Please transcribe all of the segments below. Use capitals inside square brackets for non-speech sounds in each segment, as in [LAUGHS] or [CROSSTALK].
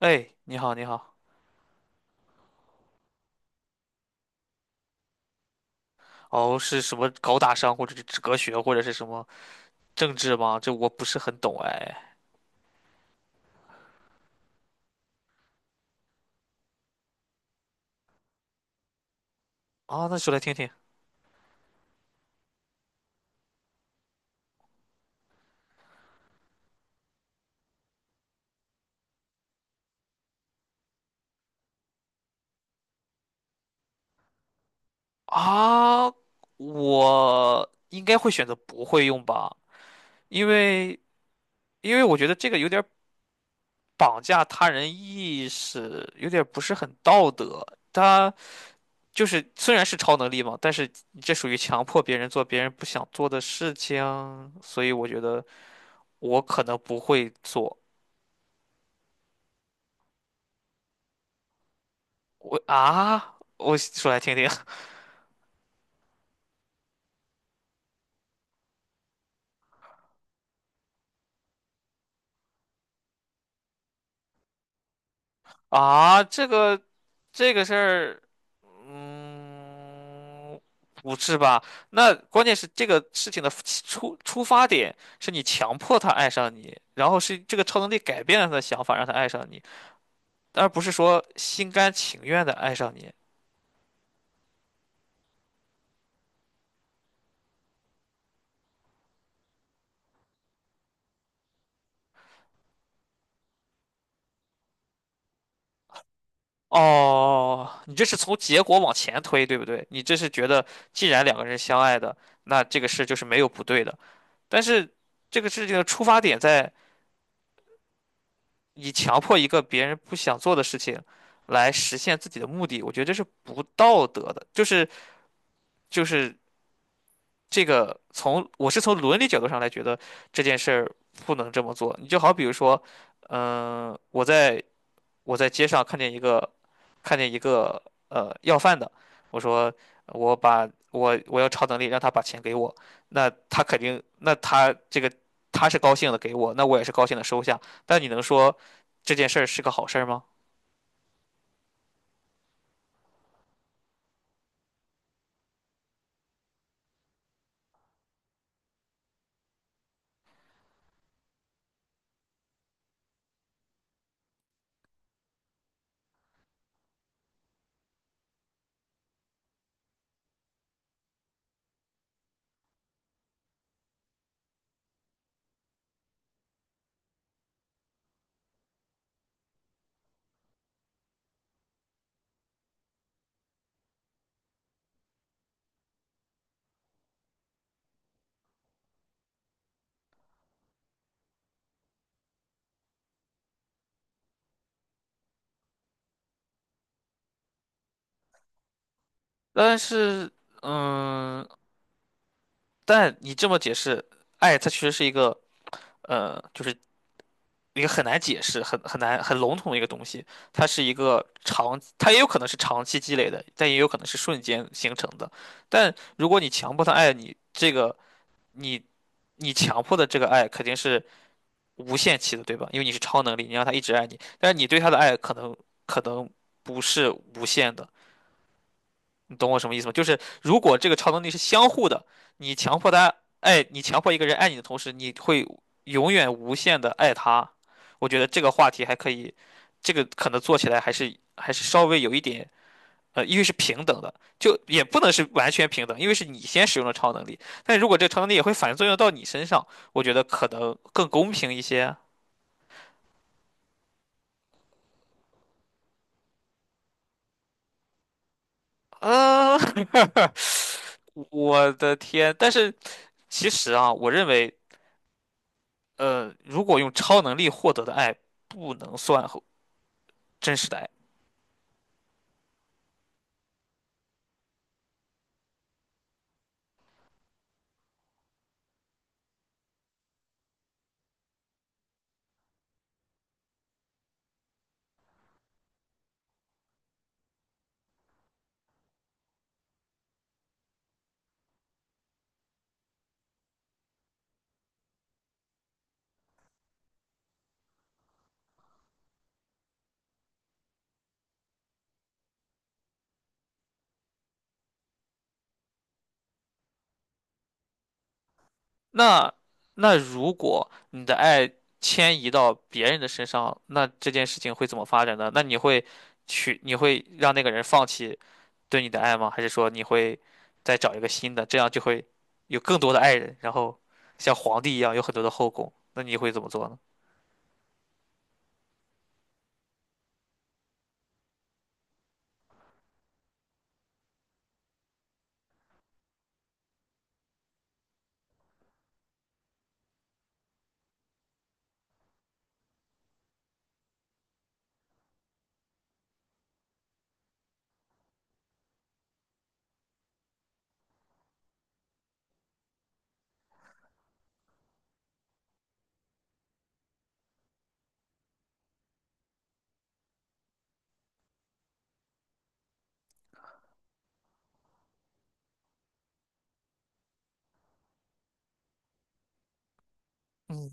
哎，你好，你好。哦，是什么高大上，或者是哲学，或者是什么政治吗？这我不是很懂哎。啊，那说来听听。啊，我应该会选择不会用吧，因为因为我觉得这个有点儿绑架他人意识，有点儿不是很道德。他就是虽然是超能力嘛，但是你这属于强迫别人做别人不想做的事情，所以我觉得我可能不会做。我啊，我说来听听。啊，这个事儿，嗯，不是吧？那关键是这个事情的出发点是你强迫他爱上你，然后是这个超能力改变了他的想法，让他爱上你，而不是说心甘情愿的爱上你。哦，你这是从结果往前推，对不对？你这是觉得既然两个人相爱的，那这个事就是没有不对的，但是这个事情的出发点在。你强迫一个别人不想做的事情来实现自己的目的，我觉得这是不道德的。就是这个从我是从伦理角度上来觉得这件事儿不能这么做。你就好比如说，嗯、我在我在街上看见一个要饭的，我说我把我我要超能力让他把钱给我，那他肯定那他这个他是高兴的给我，那我也是高兴的收下。但你能说这件事儿是个好事儿吗？但是，嗯，但你这么解释，爱它其实是一个，就是一个很难解释、很难、很笼统的一个东西。它是一个长，它也有可能是长期积累的，但也有可能是瞬间形成的。但如果你强迫他爱你，这个你你强迫的这个爱肯定是无限期的，对吧？因为你是超能力，你让他一直爱你，但是你对他的爱可能不是无限的。你懂我什么意思吗？就是如果这个超能力是相互的，你强迫他爱，你强迫一个人爱你的同时，你会永远无限的爱他。我觉得这个话题还可以，这个可能做起来还是稍微有一点，因为是平等的，就也不能是完全平等，因为是你先使用了超能力，但如果这个超能力也会反作用到你身上，我觉得可能更公平一些。嗯、[LAUGHS] 我的天！但是其实啊，我认为如果用超能力获得的爱不能算和真实的爱，那那如果你的爱迁移到别人的身上，那这件事情会怎么发展呢？那你会去，你会让那个人放弃对你的爱吗？还是说你会再找一个新的，这样就会有更多的爱人，然后像皇帝一样有很多的后宫？那你会怎么做呢？嗯。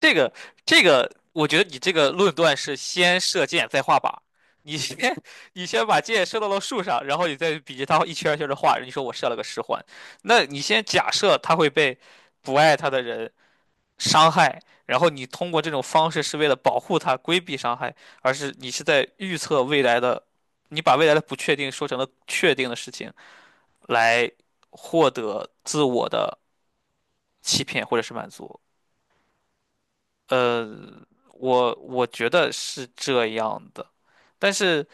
这个这个，我觉得你这个论断是先射箭再画靶。你先 [LAUGHS] 你先把箭射到了树上，然后你再比着它一圈儿一圈的画。你说我射了个十环，那你先假设他会被不爱他的人伤害，然后你通过这种方式是为了保护他、规避伤害，而是你是在预测未来的，你把未来的不确定说成了确定的事情，来获得自我的欺骗或者是满足。呃，我觉得是这样的，但是，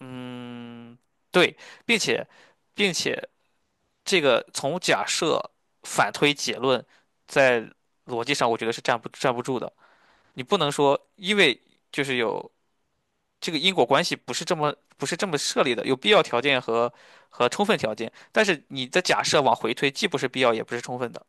嗯，对，并且，并且这个从假设反推结论，在逻辑上我觉得是站不住的。你不能说，因为就是有这个因果关系不是这么设立的，有必要条件和充分条件，但是你的假设往回推，既不是必要也不是充分的。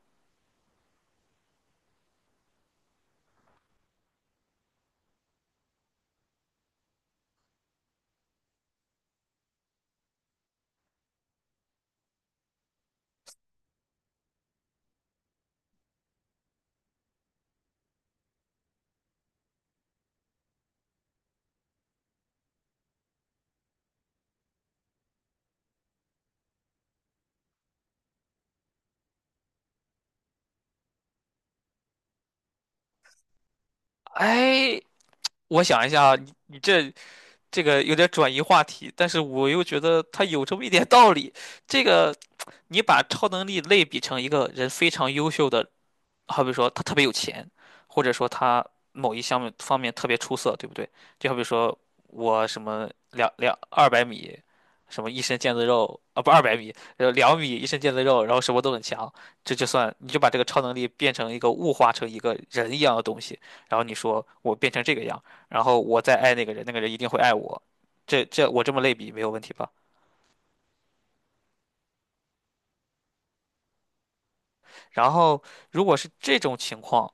哎，我想一下啊，你这个有点转移话题，但是我又觉得他有这么一点道理。这个，你把超能力类比成一个人非常优秀的好比说他特别有钱，或者说他某一项目方面特别出色，对不对？就好比说我什么两二百米，什么一身腱子肉啊，不二百米，两米一身腱子肉，然后什么都很强，这就算你就把这个超能力变成一个物化成一个人一样的东西，然后你说我变成这个样，然后我再爱那个人，那个人一定会爱我，我这么类比没有问题吧？然后如果是这种情况。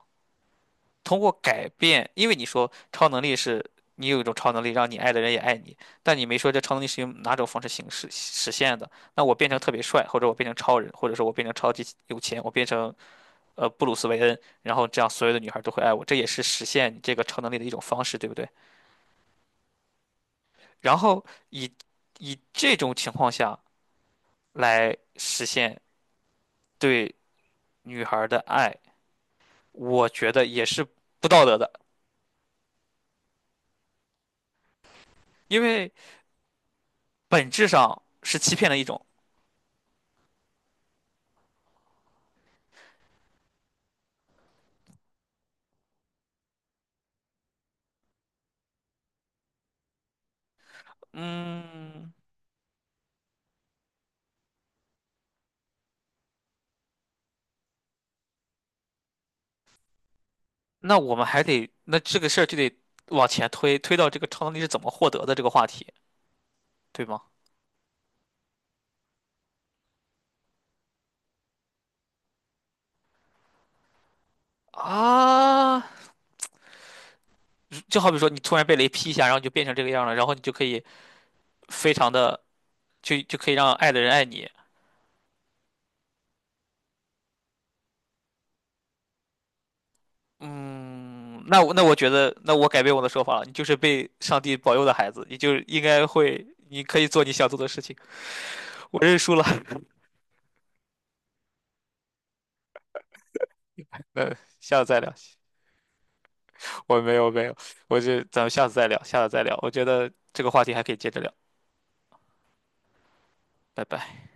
通过改变，因为你说超能力是你有一种超能力，让你爱的人也爱你，但你没说这超能力是用哪种方式形式实现的。那我变成特别帅，或者我变成超人，或者说我变成超级有钱，我变成布鲁斯韦恩，然后这样所有的女孩都会爱我，这也是实现你这个超能力的一种方式，对不对？然后以以这种情况下来实现对女孩的爱，我觉得也是不道德的，因为本质上是欺骗的一种。嗯，那我们还得，那这个事儿就得往前推，推到这个超能力是怎么获得的这个话题，对吗？啊，就好比说你突然被雷劈一下，然后你就变成这个样了，然后你就可以非常的就可以让爱的人爱你。嗯，那我觉得，那我改变我的说法了，你就是被上帝保佑的孩子，你就应该会，你可以做你想做的事情。我认输了，[LAUGHS] 那下次再聊。我没有没有，我就咱们下次再聊，下次再聊。我觉得这个话题还可以接着聊，拜拜。